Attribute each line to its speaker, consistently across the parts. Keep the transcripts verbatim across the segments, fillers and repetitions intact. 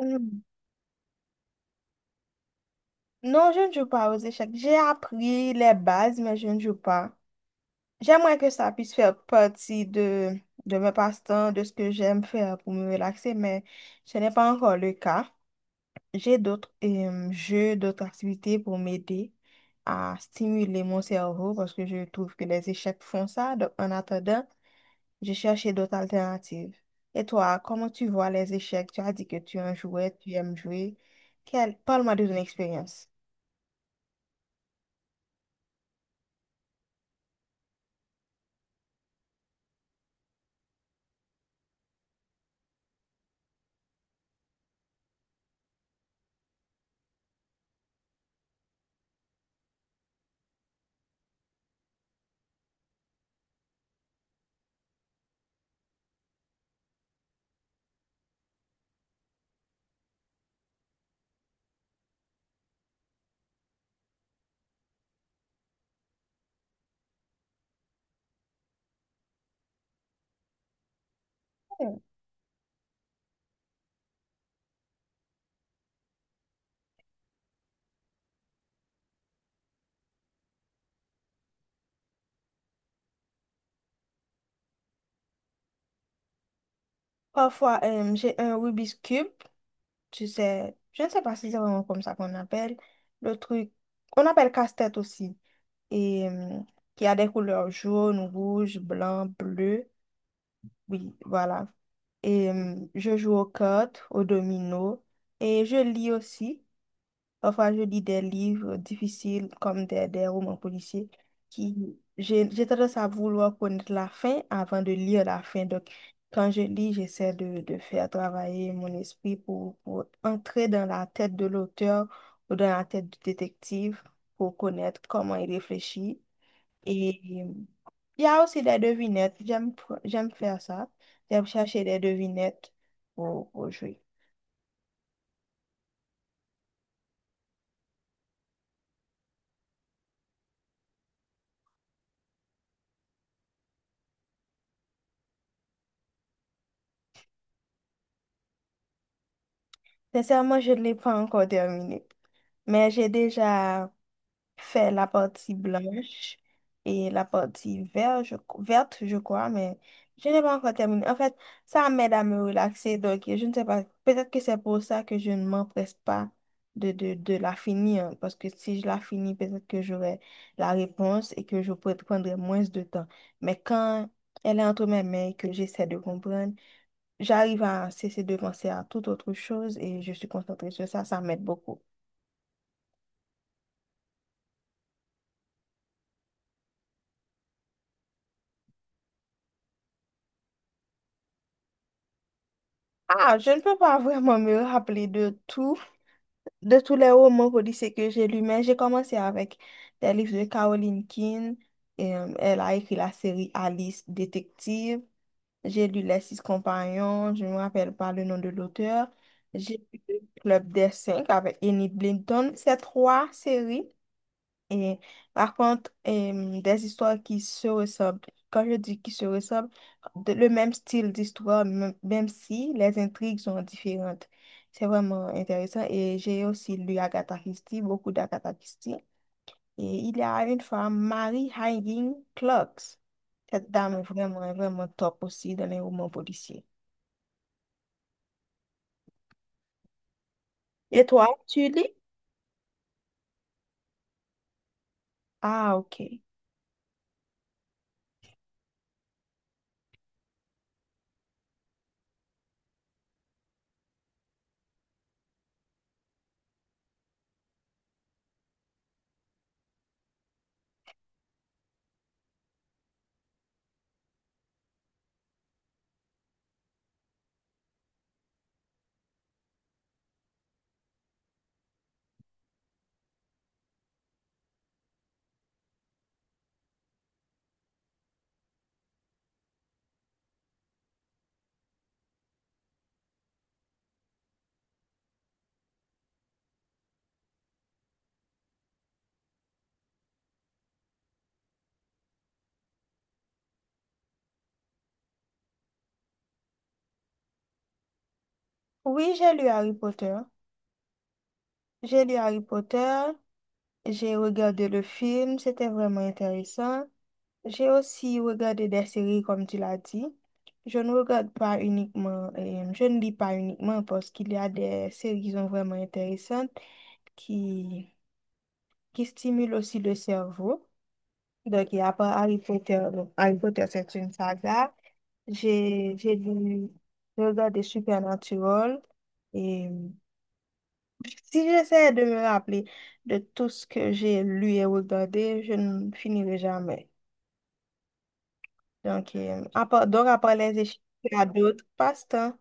Speaker 1: Euh, Non, je ne joue pas aux échecs. J'ai appris les bases, mais je ne joue pas. J'aimerais que ça puisse faire partie de, de mes passe-temps, de ce que j'aime faire pour me relaxer, mais ce n'est pas encore le cas. J'ai d'autres euh, jeux, d'autres activités pour m'aider à stimuler mon cerveau parce que je trouve que les échecs font ça. Donc, en attendant, j'ai cherché d'autres alternatives. Et toi, comment tu vois les échecs? Tu as dit que tu en jouais, tu aimes jouer. Quelle... Parle-moi de ton expérience. Parfois, euh, j'ai un Rubik's Cube, tu sais, je ne sais pas si c'est vraiment comme ça qu'on appelle le truc. On appelle casse-tête aussi. Et euh, qui a des couleurs jaune, rouge, blanc, bleu. Oui, voilà. Et euh, je joue aux cartes, aux dominos. Et je lis aussi. Parfois, je lis des livres difficiles comme des, des romans policiers qui, j'ai j'ai tendance à vouloir connaître la fin avant de lire la fin. Donc, quand je lis, j'essaie de, de faire travailler mon esprit pour, pour entrer dans la tête de l'auteur ou dans la tête du détective pour connaître comment il réfléchit. Et il y a aussi des devinettes. J'aime, pr- j'aime faire ça. J'aime chercher des devinettes pour, pour jouer. Sincèrement, je ne l'ai pas encore terminé, mais j'ai déjà fait la partie blanche et la partie vert, je- verte, je crois, mais je n'ai pas encore terminé. En fait, ça m'aide à me relaxer, donc je ne sais pas, peut-être que c'est pour ça que je ne m'empresse pas de, de, de la finir, parce que si je la finis, peut-être que j'aurai la réponse et que je pourrai prendre moins de temps. Mais quand elle est entre mes mains et que j'essaie de comprendre, j'arrive à cesser de penser à toute autre chose et je suis concentrée sur ça, ça m'aide beaucoup. Ah, je ne peux pas vraiment me rappeler de tout, de tous les romans policiers que j'ai lus, mais j'ai commencé avec des livres de Caroline King. Et, euh, elle a écrit la série Alice Détective. J'ai lu Les Six Compagnons, je ne me rappelle pas le nom de l'auteur. J'ai lu Le Club des Cinq avec Enid Blinton. Ces trois séries et raconte euh, des histoires qui se ressemblent. Quand je dis qui se ressemblent, de- le même style d'histoire, même même si les intrigues sont différentes. C'est vraiment intéressant. Et j'ai aussi lu Agatha Christie, beaucoup d'Agatha Christie. Et il y a une femme, Mary Higgins Clark. Cette dame est vraiment, vraiment top aussi dans les romans policiers. Et toi, tu lis? Ah, ok. Oui, j'ai lu Harry Potter. J'ai lu Harry Potter. J'ai regardé le film, c'était vraiment intéressant. J'ai aussi regardé des séries, comme tu l'as dit. Je ne regarde pas uniquement, euh, je ne lis pas uniquement parce qu'il y a des séries qui sont vraiment intéressantes qui, qui stimulent aussi le cerveau. Donc, il y a pas Harry Potter. Donc, Harry Potter, c'est une saga. J'ai, j'ai lu, j'ai regardé Supernatural et si j'essaie de me rappeler de tout ce que j'ai lu et regardé, je ne finirai jamais. Donc, euh, à part- donc après les échecs, il y a d'autres passe-temps.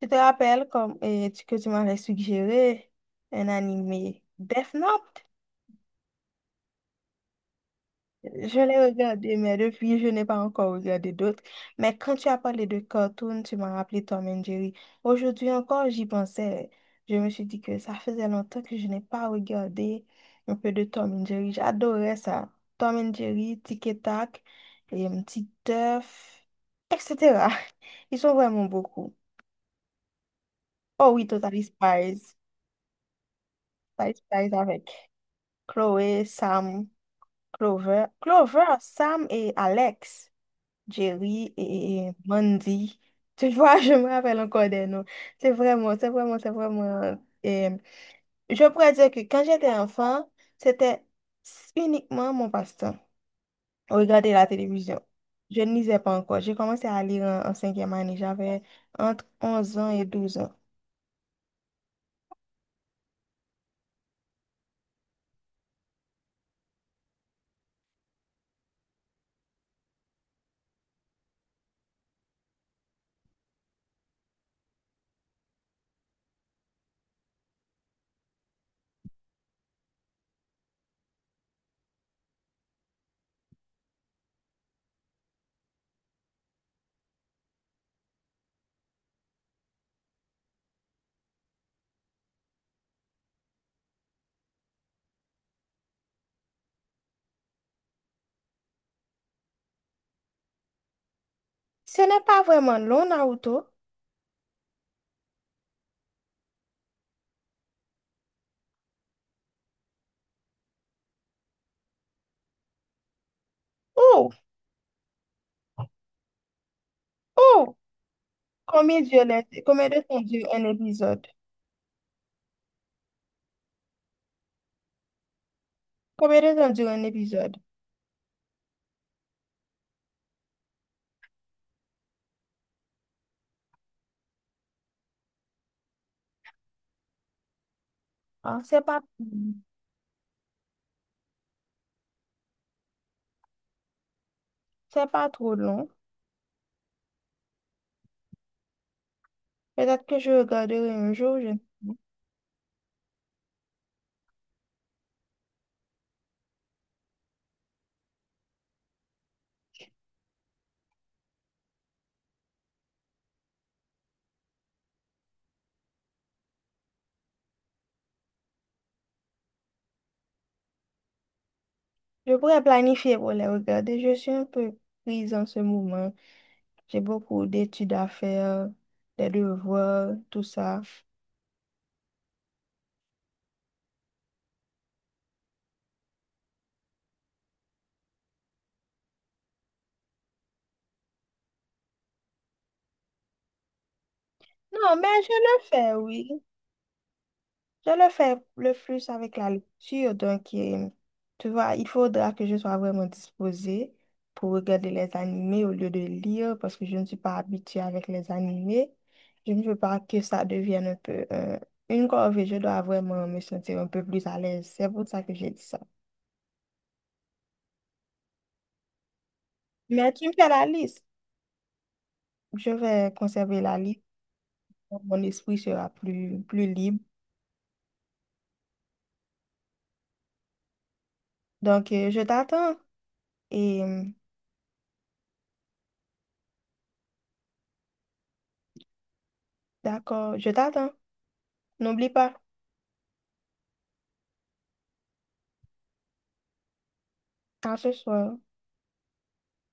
Speaker 1: Tu te rappelles comme, euh, tu- que tu m'avais suggéré un animé Death Note? Je l'ai regardé, mais depuis, je n'ai pas encore regardé d'autres. Mais quand tu as parlé de cartoon, tu m'as rappelé Tom and Jerry. Aujourd'hui encore, j'y pensais. Je me suis dit que ça faisait longtemps que je n'ai pas regardé un peu de Tom and Jerry. J'adorais ça. Tom and Jerry, Tic et Tac, et un petit Teuf, et cetera Ils sont vraiment beaucoup. Oh oui, Totally Spies. Totally Spies avec Chloé, Sam, Clover. Clover, Sam et Alex. Jerry et Mandy. Tu vois, je me rappelle encore des noms. C'est vraiment, c'est vraiment, c'est vraiment. euh, Et je pourrais dire que quand j'étais enfant, c'était uniquement mon passe-temps. Regarder la télévision. Je ne lisais pas encore. J'ai commencé à lire en, en cinquième année. J'avais entre onze ans et douze ans. Ce n'est pas vraiment long, Naruto. Oh, oh, combien dure l'é- combien de temps dure un épisode? Combien de temps dure un épisode? Ah, c'est pas, c'est pas trop long. Peut-être que je regarderai un jour. Je, je pourrais planifier pour les regarder. Je suis un peu prise en ce moment. J'ai beaucoup d'études à faire, des devoirs, tout ça. Non, mais je le fais, oui. Je le fais le plus avec la lecture, donc euh, tu vois, il faudra que je sois vraiment disposée pour regarder les animés au lieu de lire parce que je ne suis pas habituée avec les animés. Je ne veux pas que ça devienne un peu euh, une corvée. Je dois vraiment me sentir un peu plus à l'aise. C'est pour ça que j'ai dit ça. Mais tu me fais la liste. Je vais conserver la liste. Mon esprit sera plus, plus libre. Donc, euh, je t'attends. Et euh, d'accord, je t'attends. N'oublie pas, à ce soir.